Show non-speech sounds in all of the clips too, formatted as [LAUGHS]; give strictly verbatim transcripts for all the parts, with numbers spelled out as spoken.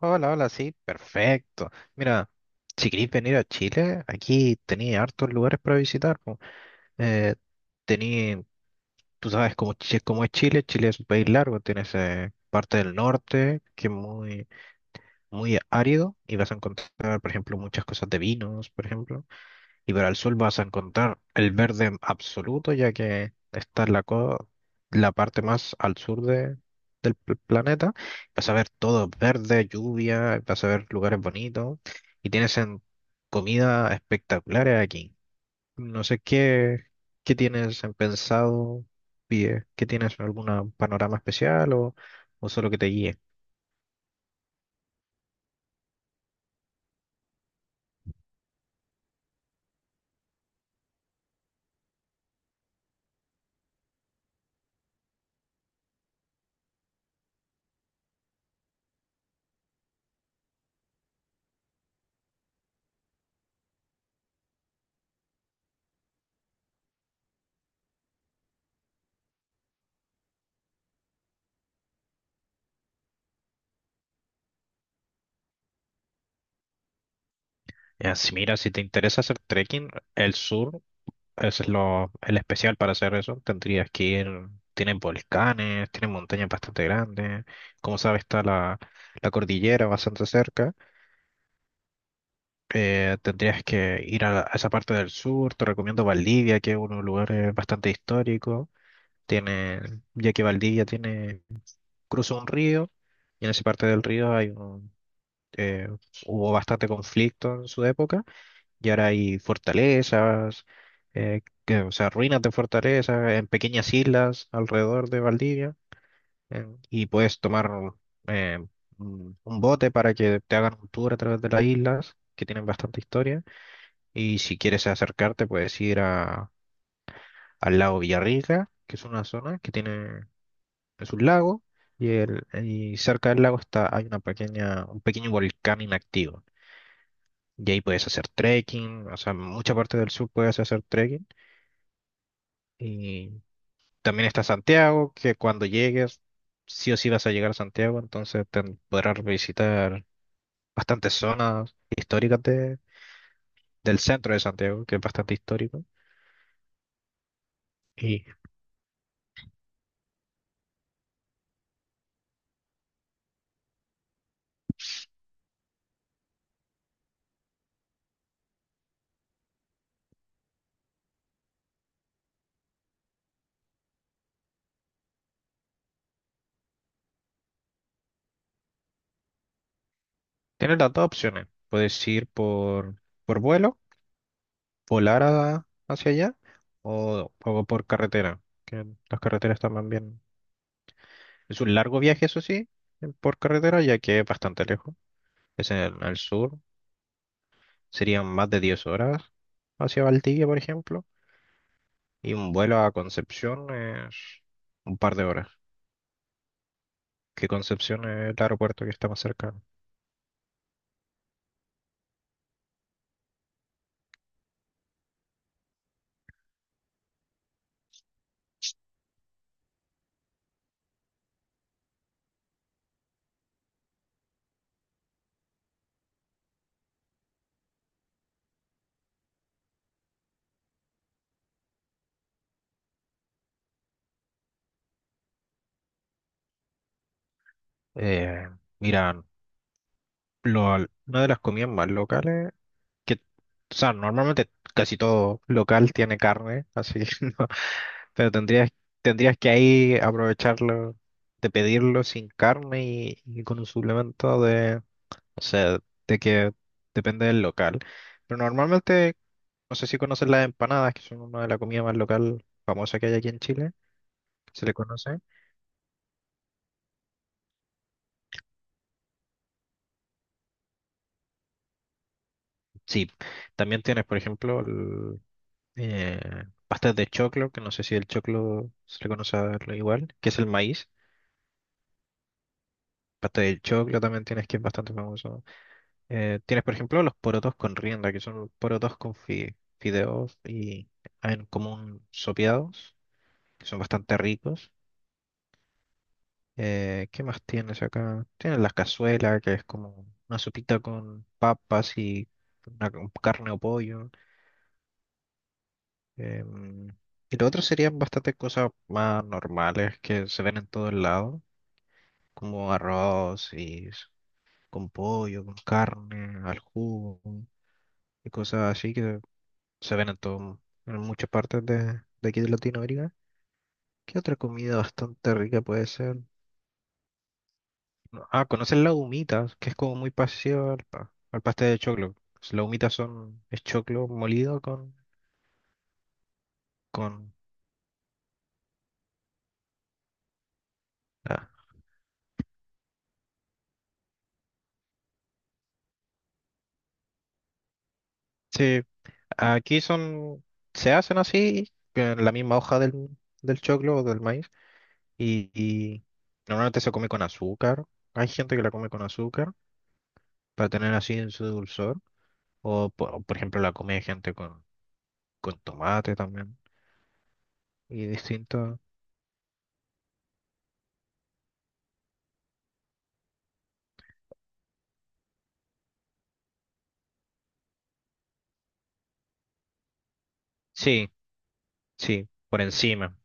Hola, hola, sí, perfecto. Mira, si queréis venir a Chile, aquí tenéis hartos lugares para visitar. Po. Eh, tení- Tú sabes cómo, Chi- cómo es Chile, Chile es un país largo, tienes eh, parte del norte, que es muy muy árido y vas a encontrar, por ejemplo, muchas cosas de vinos, por ejemplo. Y para el sur vas a encontrar el verde absoluto, ya que está en la, co- la parte más al sur de, del pl- planeta. Vas a ver todo verde, lluvia, vas a ver lugares bonitos y tienes en comida espectacular aquí. No sé qué, qué tienes en pensado, pie, qué tienes algún panorama especial o, o solo que te guíe. Ya, si mira, si te interesa hacer trekking, el sur ese es lo, el especial para hacer eso. Tendrías que ir, tienen volcanes, tienen montañas bastante grandes. Como sabes, está la, la cordillera bastante cerca. Eh, tendrías que ir a, la- a esa parte del sur. Te recomiendo Valdivia, que es un lugar eh, bastante histórico. Tiene, ya que Valdivia tiene, cruza un río, y en esa parte del río hay un, eh, hubo bastante conflicto en su época. Y ahora hay fortalezas, eh, que- o sea, ruinas de fortalezas en pequeñas islas alrededor de Valdivia. Eh, y puedes tomar eh, un un bote para que te hagan un tour a través de las islas, que tienen bastante historia. Y si quieres acercarte, puedes ir a, al lago Villarrica, que es una zona que tiene, es un lago. Y, el, y cerca del lago está, hay una pequeña, un pequeño volcán inactivo. Y ahí puedes hacer trekking, o sea, en mucha parte del sur puedes hacer trekking. Y también está Santiago, que cuando llegues, sí o sí vas a llegar a Santiago, entonces te podrás visitar bastantes zonas históricas de- del centro de Santiago, que es bastante histórico. Y tienes las dos opciones. Puedes ir por, por vuelo, volar a- hacia allá, o, o por carretera, que las carreteras también bien. Es un largo viaje, eso sí, eh, por carretera, ya que es bastante lejos. Es en el sur, serían más de diez horas hacia Valdivia, por ejemplo. Y un vuelo a Concepción es un par de horas. Que Concepción es el aeropuerto que está más cercano. Eh, Mira, lo- una de las comidas más locales, que, o sea, normalmente casi todo local tiene carne, así que [LAUGHS] no, pero tendrías, tendrías que ahí aprovecharlo, de pedirlo sin carne y, y con un suplemento de, o sea, de que depende del local. Pero normalmente, no sé si conoces las empanadas, que son una de las comidas más local famosa que hay aquí en Chile. ¿Se le conoce? Sí. También tienes, por ejemplo, el, eh, pastas de choclo, que no sé si el choclo se le conoce a lo igual, que es el maíz. Pasta de choclo también tienes, que es bastante famoso. Eh, tienes, por ejemplo, los porotos con rienda, que son porotos con fi- fideos y en común sopeados, que son bastante ricos. Eh, ¿qué más tienes acá? Tienes las cazuelas, que es como una sopita con papas y una- con carne o pollo. Em, y lo otro serían bastantes cosas más normales que se ven en todos lados, como arroz y s- con pollo, con carne, al jugo y cosas así que se ven en todo, en muchas partes de, de aquí de Latinoamérica. ¿Qué otra comida bastante rica puede ser? No, ah, ¿conocen las humitas? Que es como muy parecido al, pa- al pastel de choclo. Las humitas son es choclo molido con, con... ah, sí. Aquí son, se hacen así, en la misma hoja del, del choclo o del maíz, y, y normalmente se come con azúcar. Hay gente que la come con azúcar para tener así en su dulzor, o por, por ejemplo la come gente con, con tomate también, y distinto. Sí, sí, por encima.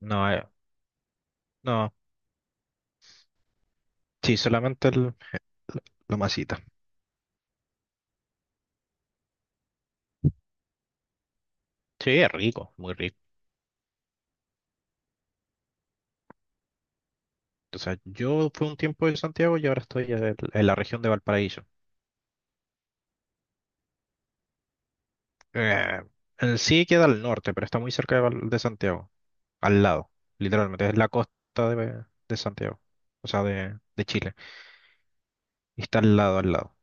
No, eh, no, sí, solamente el, la masita. Sí, es rico, muy rico. O sea, yo fui un tiempo en Santiago y ahora estoy en en la región de Valparaíso. Eh, en sí queda al norte, pero está muy cerca de, Val- de Santiago, al lado, literalmente, es la costa de, de Santiago, o sea, de, de Chile, y está al lado, al lado.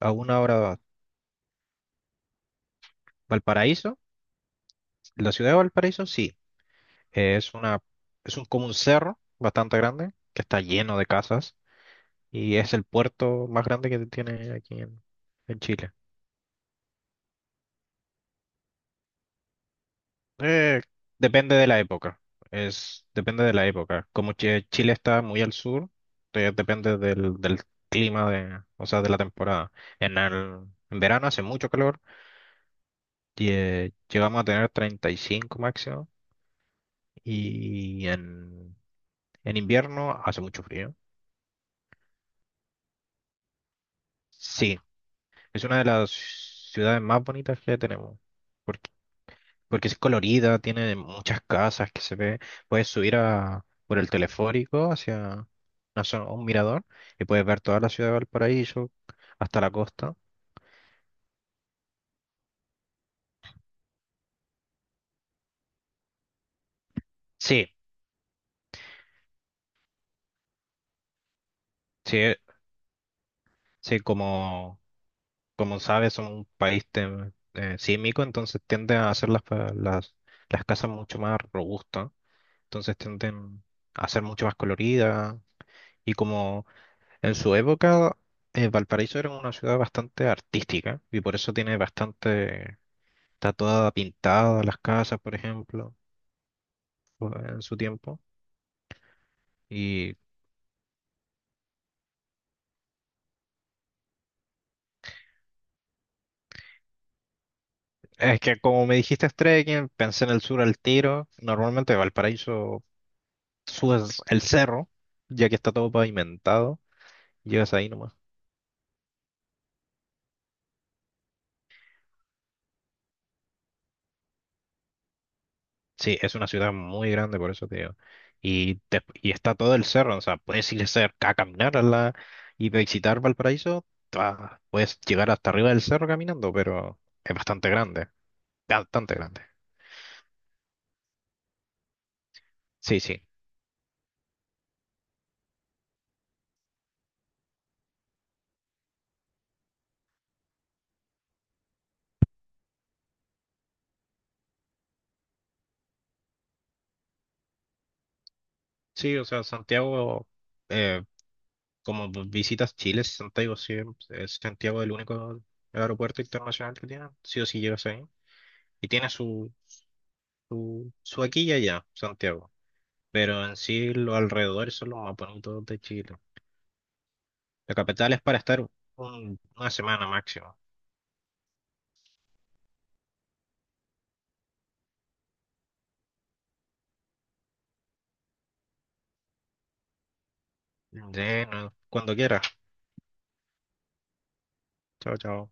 A una hora, va. Valparaíso, la ciudad de Valparaíso, sí, eh, es una, es un, como un cerro bastante grande, que está lleno de casas, y es el puerto más grande que tiene aquí en, en Chile. Eh, Depende de la época. Es, depende de la época. Como Chi- Chile está muy al sur, te- depende del, del clima de, o sea, de la temporada. En el, en verano hace mucho calor y eh, llegamos a tener treinta y cinco máximo y en, en invierno hace mucho frío. Sí, es una de las ciudades más bonitas que tenemos. Porque sí es colorida, tiene muchas casas que se ve. Puedes subir a, por el teleférico hacia una zona- un mirador y puedes ver toda la ciudad de Valparaíso hasta la costa. Sí, sí, eh, sí, como, como sabes, son un país tem- eh, sísmico, entonces tiende a hacer las, pa- las, las casas mucho más robustas, entonces tienden a ser mucho más coloridas y como en su época eh, Valparaíso era una ciudad bastante artística y por eso tiene bastante. Está toda pintada las casas, por ejemplo, o- en su tiempo. Y es que como me dijiste es trekking, pensé en el sur al tiro. Normalmente Valparaíso subes el cerro, ya que está todo pavimentado, llegas ahí nomás. Sí, es una ciudad muy grande, por eso te digo. Y, te- y está todo el cerro, o sea, puedes ir cerca a caminar a la, y visitar Valparaíso. Ta, Puedes llegar hasta arriba del cerro caminando, pero es bastante grande, bastante grande. Sí, sí. Sí, o sea, Santiago, eh, como visitas Chile, Santiago sí, es Santiago el único aeropuerto internacional que tiene, sí o sí llegas ahí. Y tiene su, su, su aquí y allá, Santiago. Pero en sí los alrededores son los más bonitos de Chile. La capital es para estar un- una semana máximo. De, no, cuando quieras. Chao, chao.